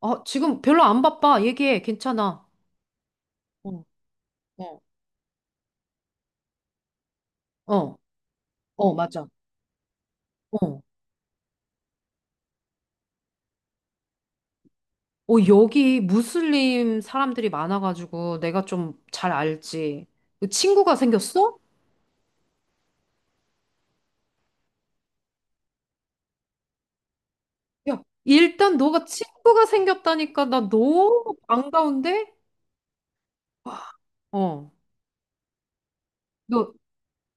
아, 지금 별로 안 바빠. 얘기해. 괜찮아. 어, 어, 어, 어, 맞아. 어. 어, 여기 무슬림 사람들이 많아가지고 내가 좀 잘 알지. 그 친구가 생겼어? 야, 일단 너가 친구가 생겼다니까 나 너무 반가운데? 어. 너,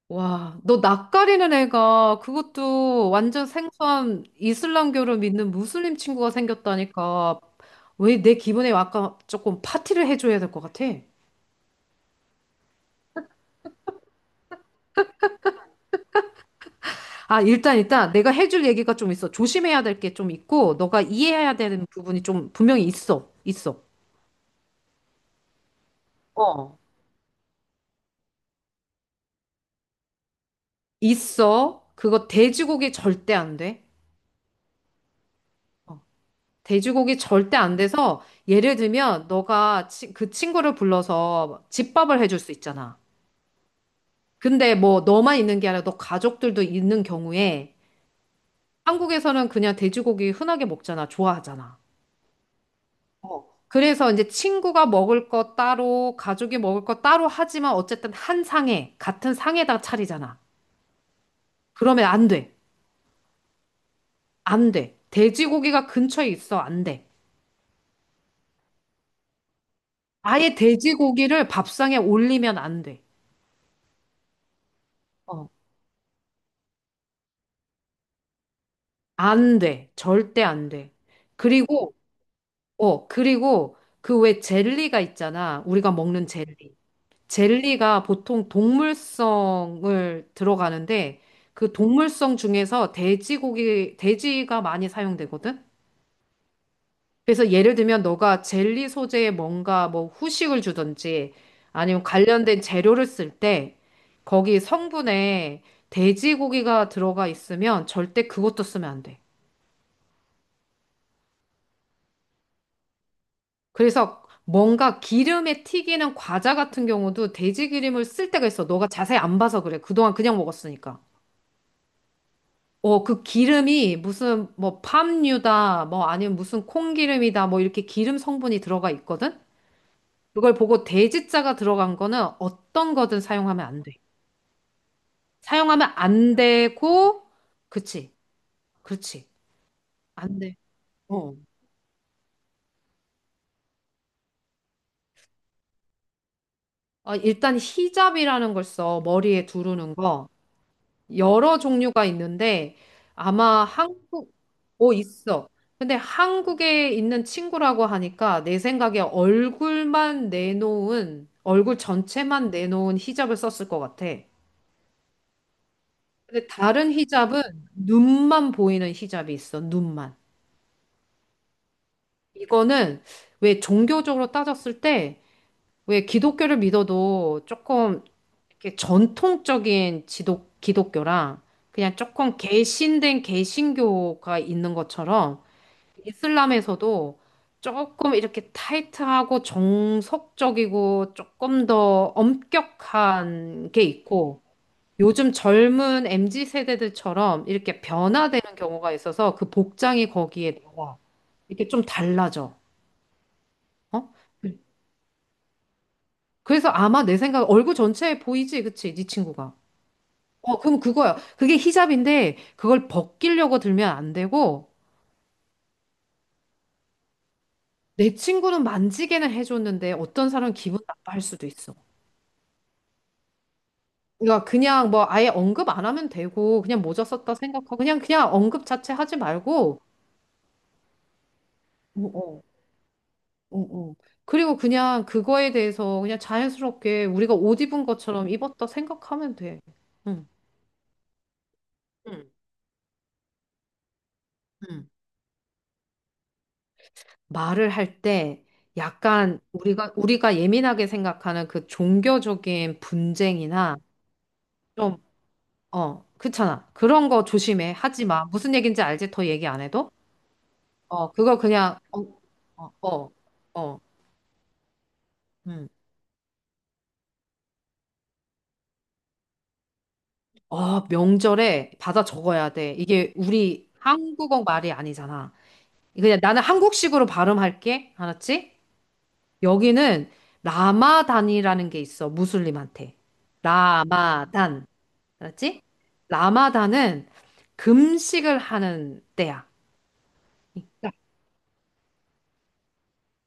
와, 너 낯가리는 애가 그것도 완전 생소한 이슬람교를 믿는 무슬림 친구가 생겼다니까. 왜 내 기분에 아까 조금 파티를 해줘야 될 것 같아? 아, 일단, 내가 해줄 얘기가 좀 있어. 조심해야 될 게 좀 있고, 너가 이해해야 되는 부분이 좀 분명히 있어. 있어. 어. 있어. 그거 돼지고기 절대 안 돼. 돼지고기 절대 안 돼서, 예를 들면, 너가 그 친구를 불러서 집밥을 해줄 수 있잖아. 근데 뭐, 너만 있는 게 아니라 너 가족들도 있는 경우에, 한국에서는 그냥 돼지고기 흔하게 먹잖아. 좋아하잖아. 그래서 이제 친구가 먹을 거 따로, 가족이 먹을 거 따로 하지만 어쨌든 한 상에, 같은 상에다 차리잖아. 그러면 안 돼. 안 돼. 돼지고기가 근처에 있어. 안 돼. 아예 돼지고기를 밥상에 올리면 안 돼. 어. 안 돼. 절대 안 돼. 그리고, 그리고 그 왜 젤리가 있잖아. 우리가 먹는 젤리. 젤리가 보통 동물성을 들어가는데 그 동물성 중에서 돼지고기, 돼지가 많이 사용되거든? 그래서 예를 들면 너가 젤리 소재에 뭔가 뭐 후식을 주든지 아니면 관련된 재료를 쓸 때 거기 성분에 돼지고기가 들어가 있으면 절대 그것도 쓰면 안 돼. 그래서 뭔가 기름에 튀기는 과자 같은 경우도 돼지 기름을 쓸 때가 있어. 너가 자세히 안 봐서 그래. 그동안 그냥 먹었으니까. 어, 그 기름이 무슨 뭐 팜유다, 뭐 아니면 무슨 콩기름이다, 뭐 이렇게 기름 성분이 들어가 있거든? 그걸 보고 돼지자가 들어간 거는 어떤 거든 사용하면 안 돼. 사용하면 안 되고, 그치, 그렇지. 안 돼. 어. 아, 일단 히잡이라는 걸 써, 머리에 두르는 거. 여러 종류가 있는데 아마 한국 있어. 근데 한국에 있는 친구라고 하니까 내 생각에 얼굴만 내놓은 얼굴 전체만 내놓은 히잡을 썼을 것 같아. 근데 다른 히잡은 눈만 보이는 히잡이 있어. 눈만. 이거는 왜 종교적으로 따졌을 때 왜 기독교를 믿어도 조금 이렇게 전통적인 지독 기독교랑 그냥 조금 개신된 개신교가 있는 것처럼 이슬람에서도 조금 이렇게 타이트하고 정석적이고 조금 더 엄격한 게 있고 요즘 젊은 MZ 세대들처럼 이렇게 변화되는 경우가 있어서 그 복장이 거기에 나와. 이렇게 좀 달라져. 어? 그래서 아마 내 생각 얼굴 전체에 보이지, 그치? 네 친구가. 어, 그럼 그거야. 그게 히잡인데 그걸 벗기려고 들면 안 되고 내 친구는 만지게는 해줬는데 어떤 사람은 기분 나빠할 수도 있어. 그러니까 그냥 뭐 아예 언급 안 하면 되고 그냥 모자 썼다 생각하고 그냥 언급 자체 하지 말고 어, 어, 어, 어. 그리고 그냥 그거에 대해서 그냥 자연스럽게 우리가 옷 입은 것처럼 입었다 생각하면 돼. 응. 응, 응. 말을 할 때 약간 우리가 예민하게 생각하는 그 종교적인 분쟁이나 좀 그렇잖아. 그런 거 조심해. 하지 마. 무슨 얘기인지 알지? 더 얘기 안 해도? 어, 그거 그냥 어, 어, 어, 어. 음. 아, 명절에 받아 적어야 돼. 이게 우리 한국어 말이 아니잖아. 그냥 나는 한국식으로 발음할게. 알았지? 여기는 라마단이라는 게 있어. 무슬림한테. 라마단. 알았지? 라마단은 금식을 하는 때야. 그러니까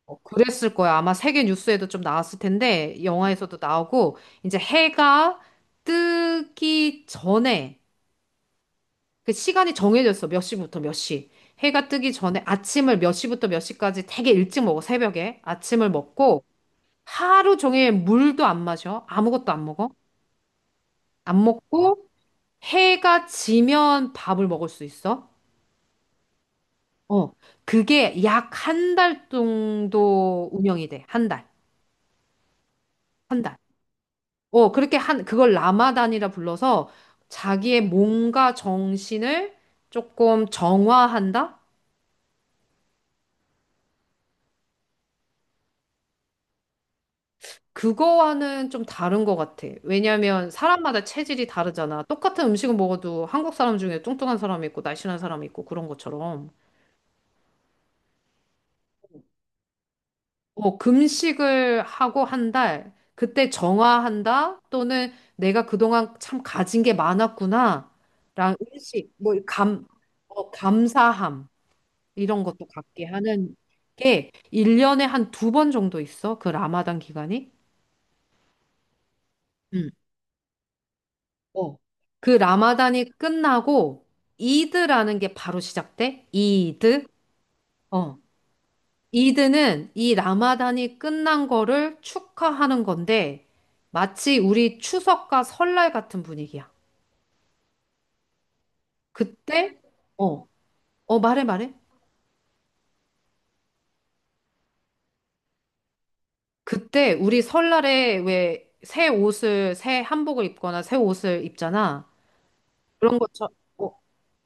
그랬을 거야. 아마 세계 뉴스에도 좀 나왔을 텐데, 영화에서도 나오고, 이제 해가 뜨기 전에 그 시간이 정해졌어. 몇 시부터 몇 시. 해가 뜨기 전에 아침을 몇 시부터 몇 시까지 되게 일찍 먹어. 새벽에. 아침을 먹고 하루 종일 물도 안 마셔. 아무것도 안 먹어. 안 먹고 해가 지면 밥을 먹을 수 있어. 어. 그게 약 한 달 정도 운영이 돼. 한 달. 한 달. 어, 그렇게 그걸 라마단이라 불러서 자기의 몸과 정신을 조금 정화한다? 그거와는 좀 다른 것 같아. 왜냐면 사람마다 체질이 다르잖아. 똑같은 음식을 먹어도 한국 사람 중에 뚱뚱한 사람이 있고 날씬한 사람이 있고 그런 것처럼. 어, 금식을 하고 한 달, 그때 정화한다? 또는 내가 그동안 참 가진 게 많았구나. 랑 음식, 뭐 감사함 이런 것도 갖게 하는 게 1년에 한 두 번 정도 있어. 그 라마단 기간이. 음. 어. 그 라마단이 끝나고 이드라는 게 바로 시작돼? 이드? 어. 이드는 이 라마단이 끝난 거를 축하하는 건데 마치 우리 추석과 설날 같은 분위기야. 그때 어. 어, 말해 말해. 그때 우리 설날에 왜 새 한복을 입거나 새 옷을 입잖아. 그런 것처럼 어.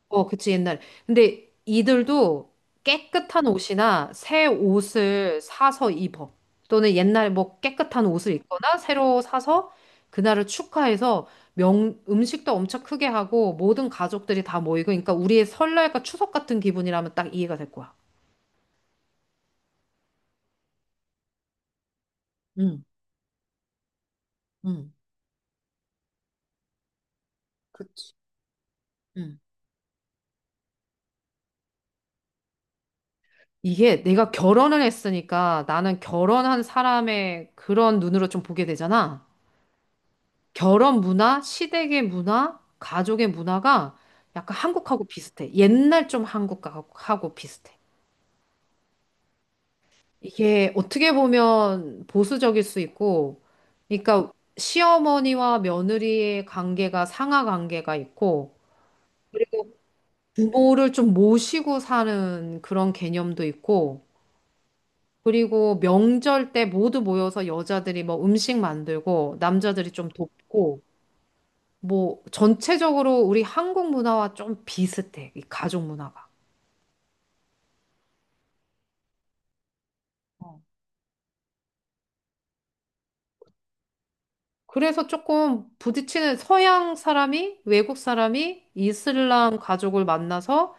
어, 그치, 옛날. 근데 이들도 깨끗한 옷이나 새 옷을 사서 입어. 또는 옛날에 뭐 깨끗한 옷을 입거나 새로 사서 그날을 축하해서 음식도 엄청 크게 하고 모든 가족들이 다 모이고, 그러니까 우리의 설날과 추석 같은 기분이라면 딱 이해가 될 거야. 응, 응, 그치. 음. 이게 내가 결혼을 했으니까 나는 결혼한 사람의 그런 눈으로 좀 보게 되잖아. 결혼 문화, 시댁의 문화, 가족의 문화가 약간 한국하고 비슷해. 옛날 좀 한국하고 비슷해. 이게 어떻게 보면 보수적일 수 있고, 그러니까 시어머니와 며느리의 관계가 상하 관계가 있고, 부모를 좀 모시고 사는 그런 개념도 있고, 그리고 명절 때 모두 모여서 여자들이 뭐 음식 만들고, 남자들이 좀 돕고, 뭐 전체적으로 우리 한국 문화와 좀 비슷해. 이 가족 문화가. 그래서 조금 부딪히는 서양 사람이 외국 사람이 이슬람 가족을 만나서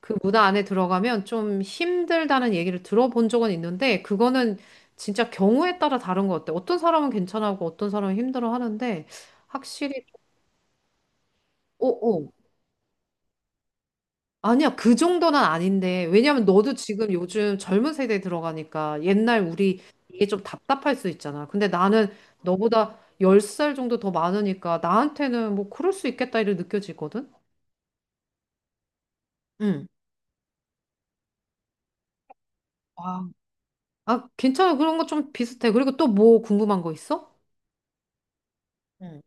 그 문화 안에 들어가면 좀 힘들다는 얘기를 들어본 적은 있는데 그거는 진짜 경우에 따라 다른 것 같아. 어떤 사람은 괜찮아하고 어떤 사람은 힘들어 하는데 확실히 어어 아니야, 그 정도는 아닌데. 왜냐면 너도 지금 요즘 젊은 세대에 들어가니까 옛날 우리 이게 좀 답답할 수 있잖아. 근데 나는 너보다 10살 정도 더 많으니까 나한테는 뭐 그럴 수 있겠다 이렇게 느껴지거든? 응. 아, 아, 괜찮아. 그런 거 좀 비슷해. 그리고 또 뭐 궁금한 거 있어? 응,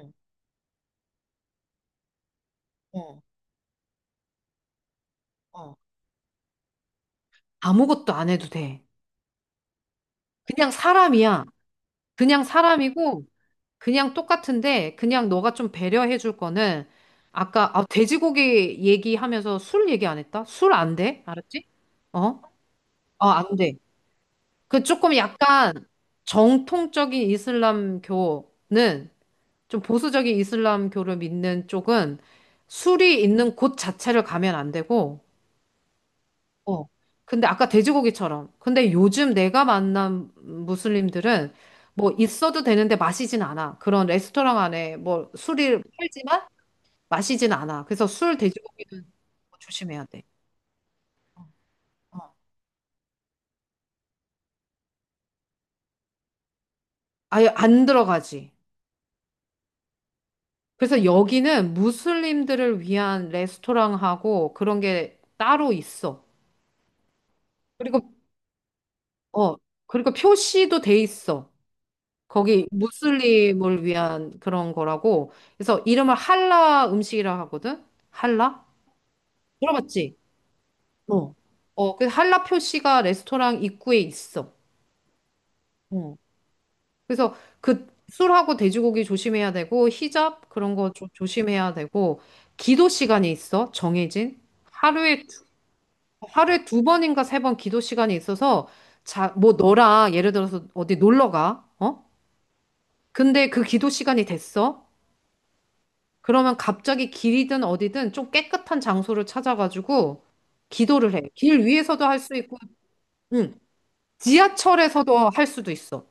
응, 어, 어. 아무것도 안 해도 돼. 그냥 사람이야. 그냥 사람이고, 그냥 똑같은데 그냥 너가 좀 배려해 줄 거는 아까 아, 돼지고기 얘기하면서 술 얘기 안 했다? 술 안 돼? 알았지? 어? 어, 안 돼. 그 조금 약간 정통적인 이슬람교는 좀 보수적인 이슬람교를 믿는 쪽은 술이 있는 곳 자체를 가면 안 되고 어. 근데 아까 돼지고기처럼. 근데 요즘 내가 만난 무슬림들은 뭐 있어도 되는데 마시진 않아. 그런 레스토랑 안에 뭐 술을 팔지만 마시진 않아. 그래서 술 돼지고기는 뭐 조심해야 돼. 어. 아예 안 들어가지. 그래서 여기는 무슬림들을 위한 레스토랑하고 그런 게 따로 있어. 그리고 어, 그리고 표시도 돼 있어. 거기 무슬림을 위한 그런 거라고. 그래서 이름을 할라 음식이라 하거든? 할라? 들어봤지? 어, 어, 그 할라 표시가 레스토랑 입구에 있어. 어. 그래서 그 술하고 돼지고기 조심해야 되고 히잡 그런 거 조심해야 되고 기도 시간이 있어 정해진 하루에 두- 하루에 두 번인가 세 번 기도 시간이 있어서 자 뭐 너랑 예를 들어서 어디 놀러 가 어? 근데 그 기도 시간이 됐어 그러면 갑자기 길이든 어디든 좀 깨끗한 장소를 찾아가지고 기도를 해. 길 위에서도 할 수 있고, 응. 지하철에서도 할 수도 있어.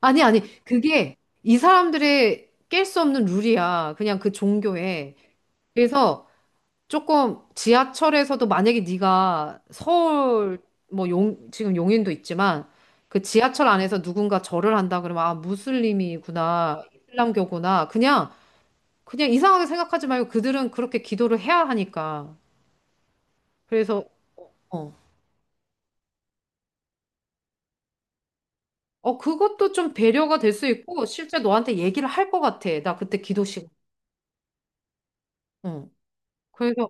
아니, 아니, 그게 이 사람들의 깰 수 없는 룰이야. 그냥 그 종교에. 그래서 조금 지하철에서도 만약에 네가 서울, 뭐 지금 용인도 있지만 그 지하철 안에서 누군가 절을 한다 그러면 아, 무슬림이구나, 이슬람교구나. 그냥 이상하게 생각하지 말고 그들은 그렇게 기도를 해야 하니까. 그래서, 어, 그것도 좀 배려가 될 수 있고, 실제 너한테 얘기를 할 것 같아. 나 그때 기도 시간. 어. 그래서,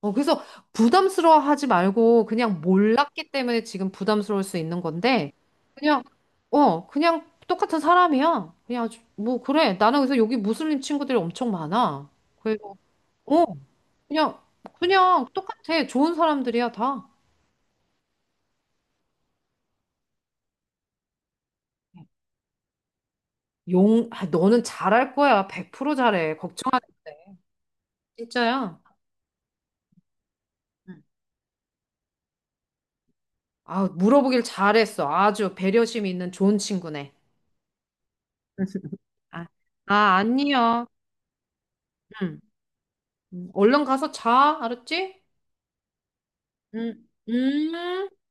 그래서 부담스러워 하지 말고, 그냥 몰랐기 때문에 지금 부담스러울 수 있는 건데, 그냥, 그냥 똑같은 사람이야. 그냥, 뭐, 그래. 나는 그래서 여기 무슬림 친구들이 엄청 많아. 그래서, 어, 그냥, 그냥 똑같아. 좋은 사람들이야, 다. 아, 너는 잘할 거야. 100% 잘해. 걱정하지, 진짜야. 응. 아, 물어보길 잘했어. 아주 배려심 있는 좋은 친구네. 아, 아, 아니요. 응. 응. 얼른 가서 자. 알았지? 응. 음.